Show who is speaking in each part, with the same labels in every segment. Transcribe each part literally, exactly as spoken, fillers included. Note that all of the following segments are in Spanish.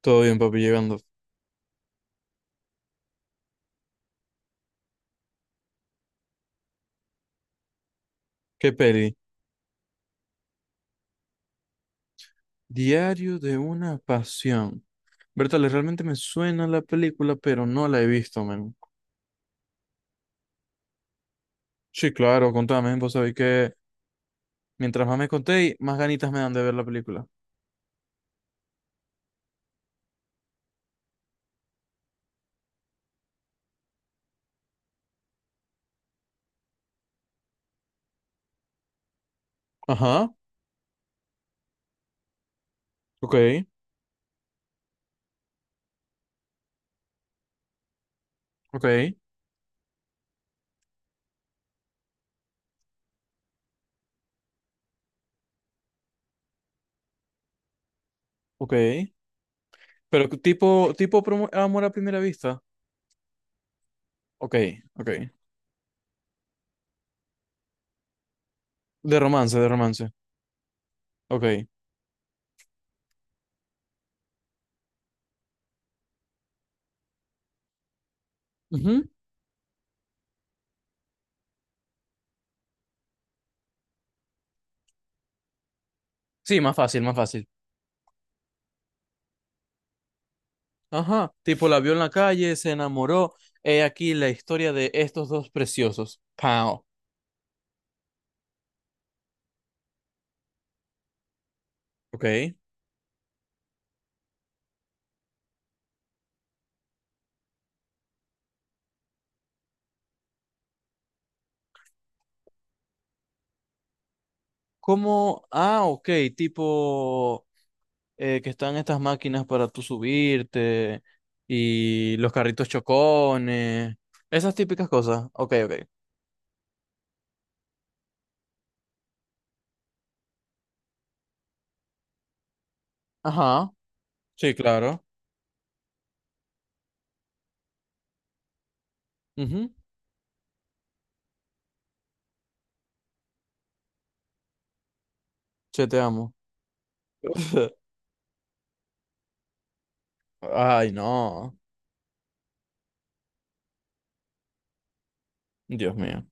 Speaker 1: Todo bien, papi, llegando. ¿Qué peli? Diario de una pasión. Bertale, realmente me suena la película, pero no la he visto, men. Sí, claro, contame, vos sabés que mientras más me contéis, más ganitas me dan de ver la película. Ajá, ok, ok, ok. Pero tipo, tipo promo- amor a primera vista. Ok, ok. De romance, de romance. Ok. Ujú. Sí, más fácil, más fácil. Ajá, tipo la vio en la calle, se enamoró. He aquí la historia de estos dos preciosos. Pau. Ok. ¿Cómo? Ah, ok, tipo eh, que están estas máquinas para tú subirte y los carritos chocones, esas típicas cosas. Ok, ok. Ajá. Sí, claro. Mhm. Che, te amo. Ay, no. Dios mío.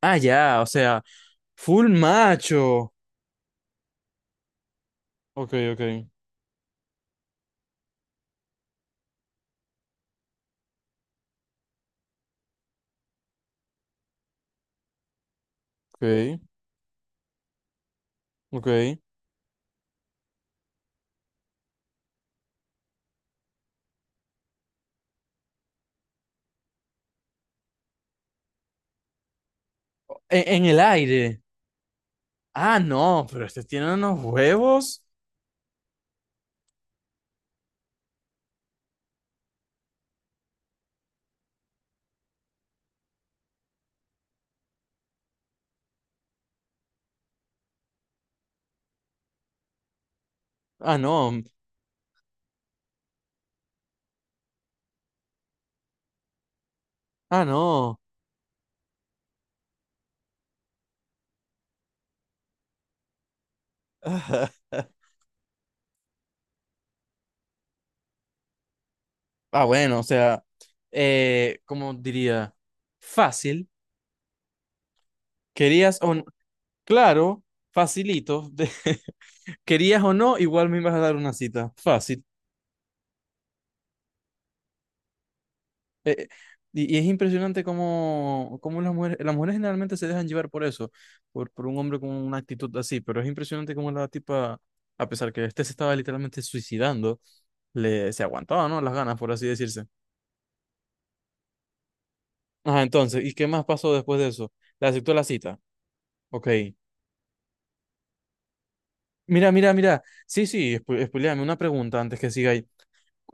Speaker 1: Ah, ya, o sea, full macho. Ok, ok, ok, ok. En, en el aire. Ah, no, pero este tiene unos huevos. Ah, no. Ah, no. Ah, bueno, o sea, eh, ¿cómo diría? Fácil. ¿Querías o no? Claro, facilito. ¿Querías o no? Igual me ibas a dar una cita. Fácil. Y, y es impresionante cómo, cómo las mujeres, las mujeres generalmente se dejan llevar por eso, por, por un hombre con una actitud así, pero es impresionante cómo la tipa, a pesar que este se estaba literalmente suicidando, le, se aguantaba, ¿no? Las ganas, por así decirse. Ajá, entonces, ¿y qué más pasó después de eso? Le aceptó la cita. Ok. Mira, mira, mira. Sí, sí, espo- espoiléame una pregunta antes que siga ahí.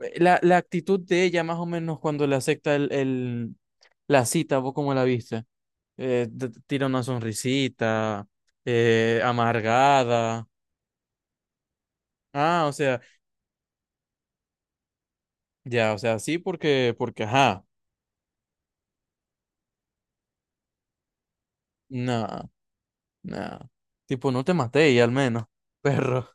Speaker 1: Eh, La, la actitud de ella, más o menos, cuando le acepta el, el, la cita, ¿vos cómo la viste? eh, t- tira una sonrisita, eh, amargada. Ah, o sea, ya, o sea, sí, porque, porque, ajá, no, no. Tipo, no te maté y al menos, perro.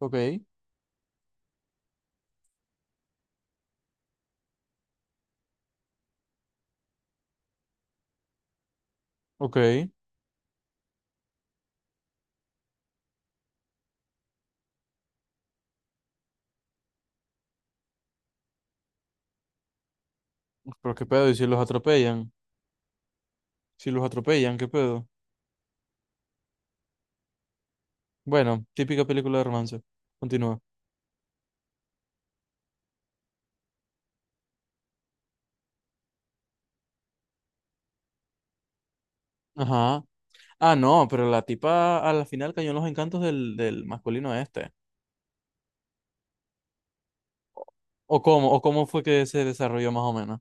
Speaker 1: Ok, ok, pero qué pedo, y si los atropellan, si los atropellan, qué pedo. Bueno, típica película de romance. Continúa. Ajá. Ah, no, pero la tipa a la final cayó en los encantos del, del masculino este. ¿O cómo? ¿O cómo fue que se desarrolló más o menos?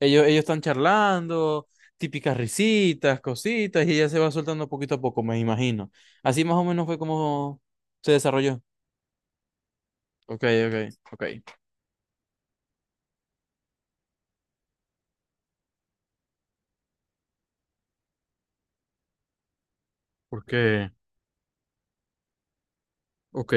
Speaker 1: Ellos, ellos están charlando, típicas risitas, cositas, y ella se va soltando poquito a poco, me imagino. Así más o menos fue como se desarrolló. Ok, ok, ok. ¿Por qué? Ok,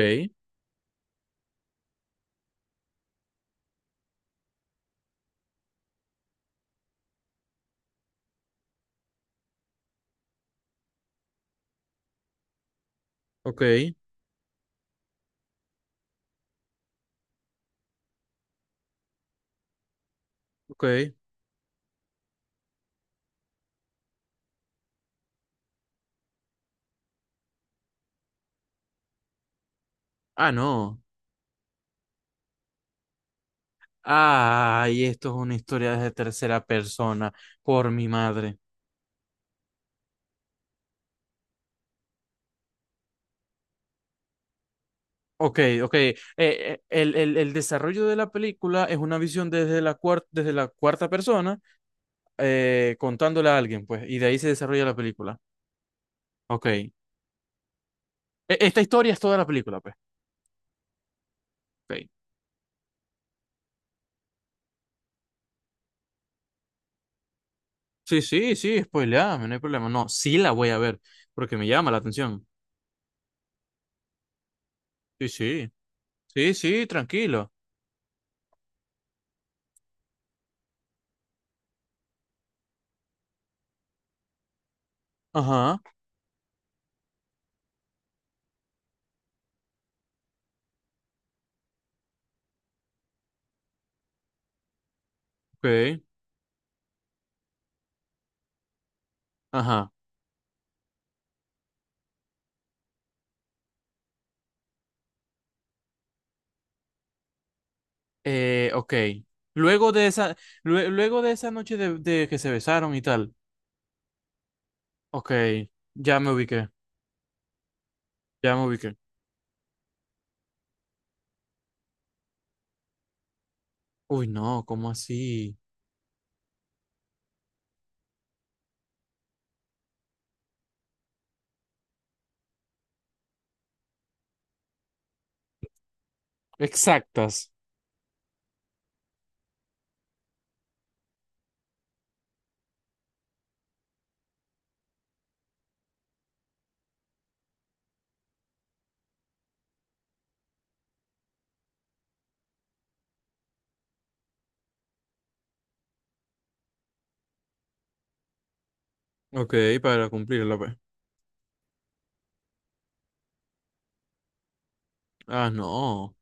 Speaker 1: ok, ok. Ah, no. Ay, esto es una historia de tercera persona, por mi madre. Ok, ok. Eh, eh, el, el, el desarrollo de la película es una visión desde la cuar desde la cuarta persona, eh, contándole a alguien, pues, y de ahí se desarrolla la película. Ok. E- esta historia es toda la película, pues. Ok. Sí, sí, sí, spoileame, no hay problema. No, sí la voy a ver, porque me llama la atención. Sí, sí, sí, sí, tranquilo. Ajá, ok, ajá. Eh, ok. Luego de esa, lue- luego de esa noche de, de que se besaron y tal. Ok, ya me ubiqué, ya me ubiqué. Uy, no, ¿cómo así? Exactas. Ok, para cumplirla, pues. Ah, no.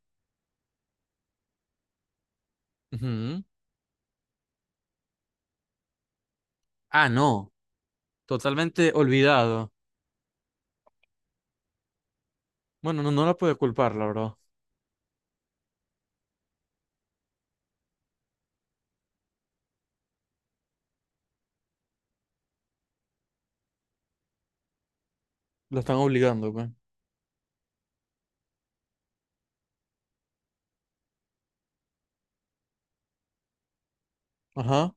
Speaker 1: Ujú. Ah, no. Totalmente olvidado. Bueno, no, no la puedo culpar, la verdad. La están obligando, pues. Ajá,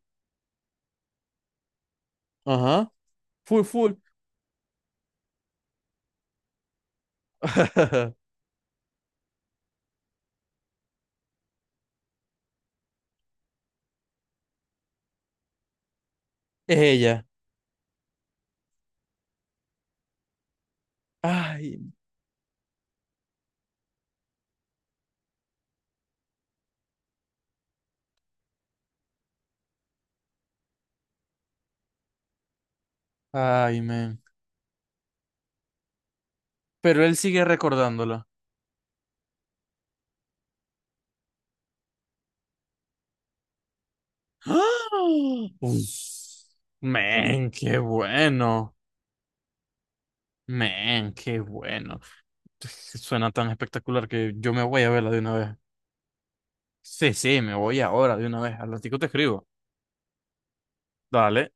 Speaker 1: ajá. Full, full. Es ella. Ay, ay, men. Pero él sigue recordándola. ¡Ah! Uf. Men, qué bueno. Men, qué bueno. Suena tan espectacular que yo me voy a verla de una vez. Sí, sí, me voy ahora de una vez. Al ratico te escribo. Dale.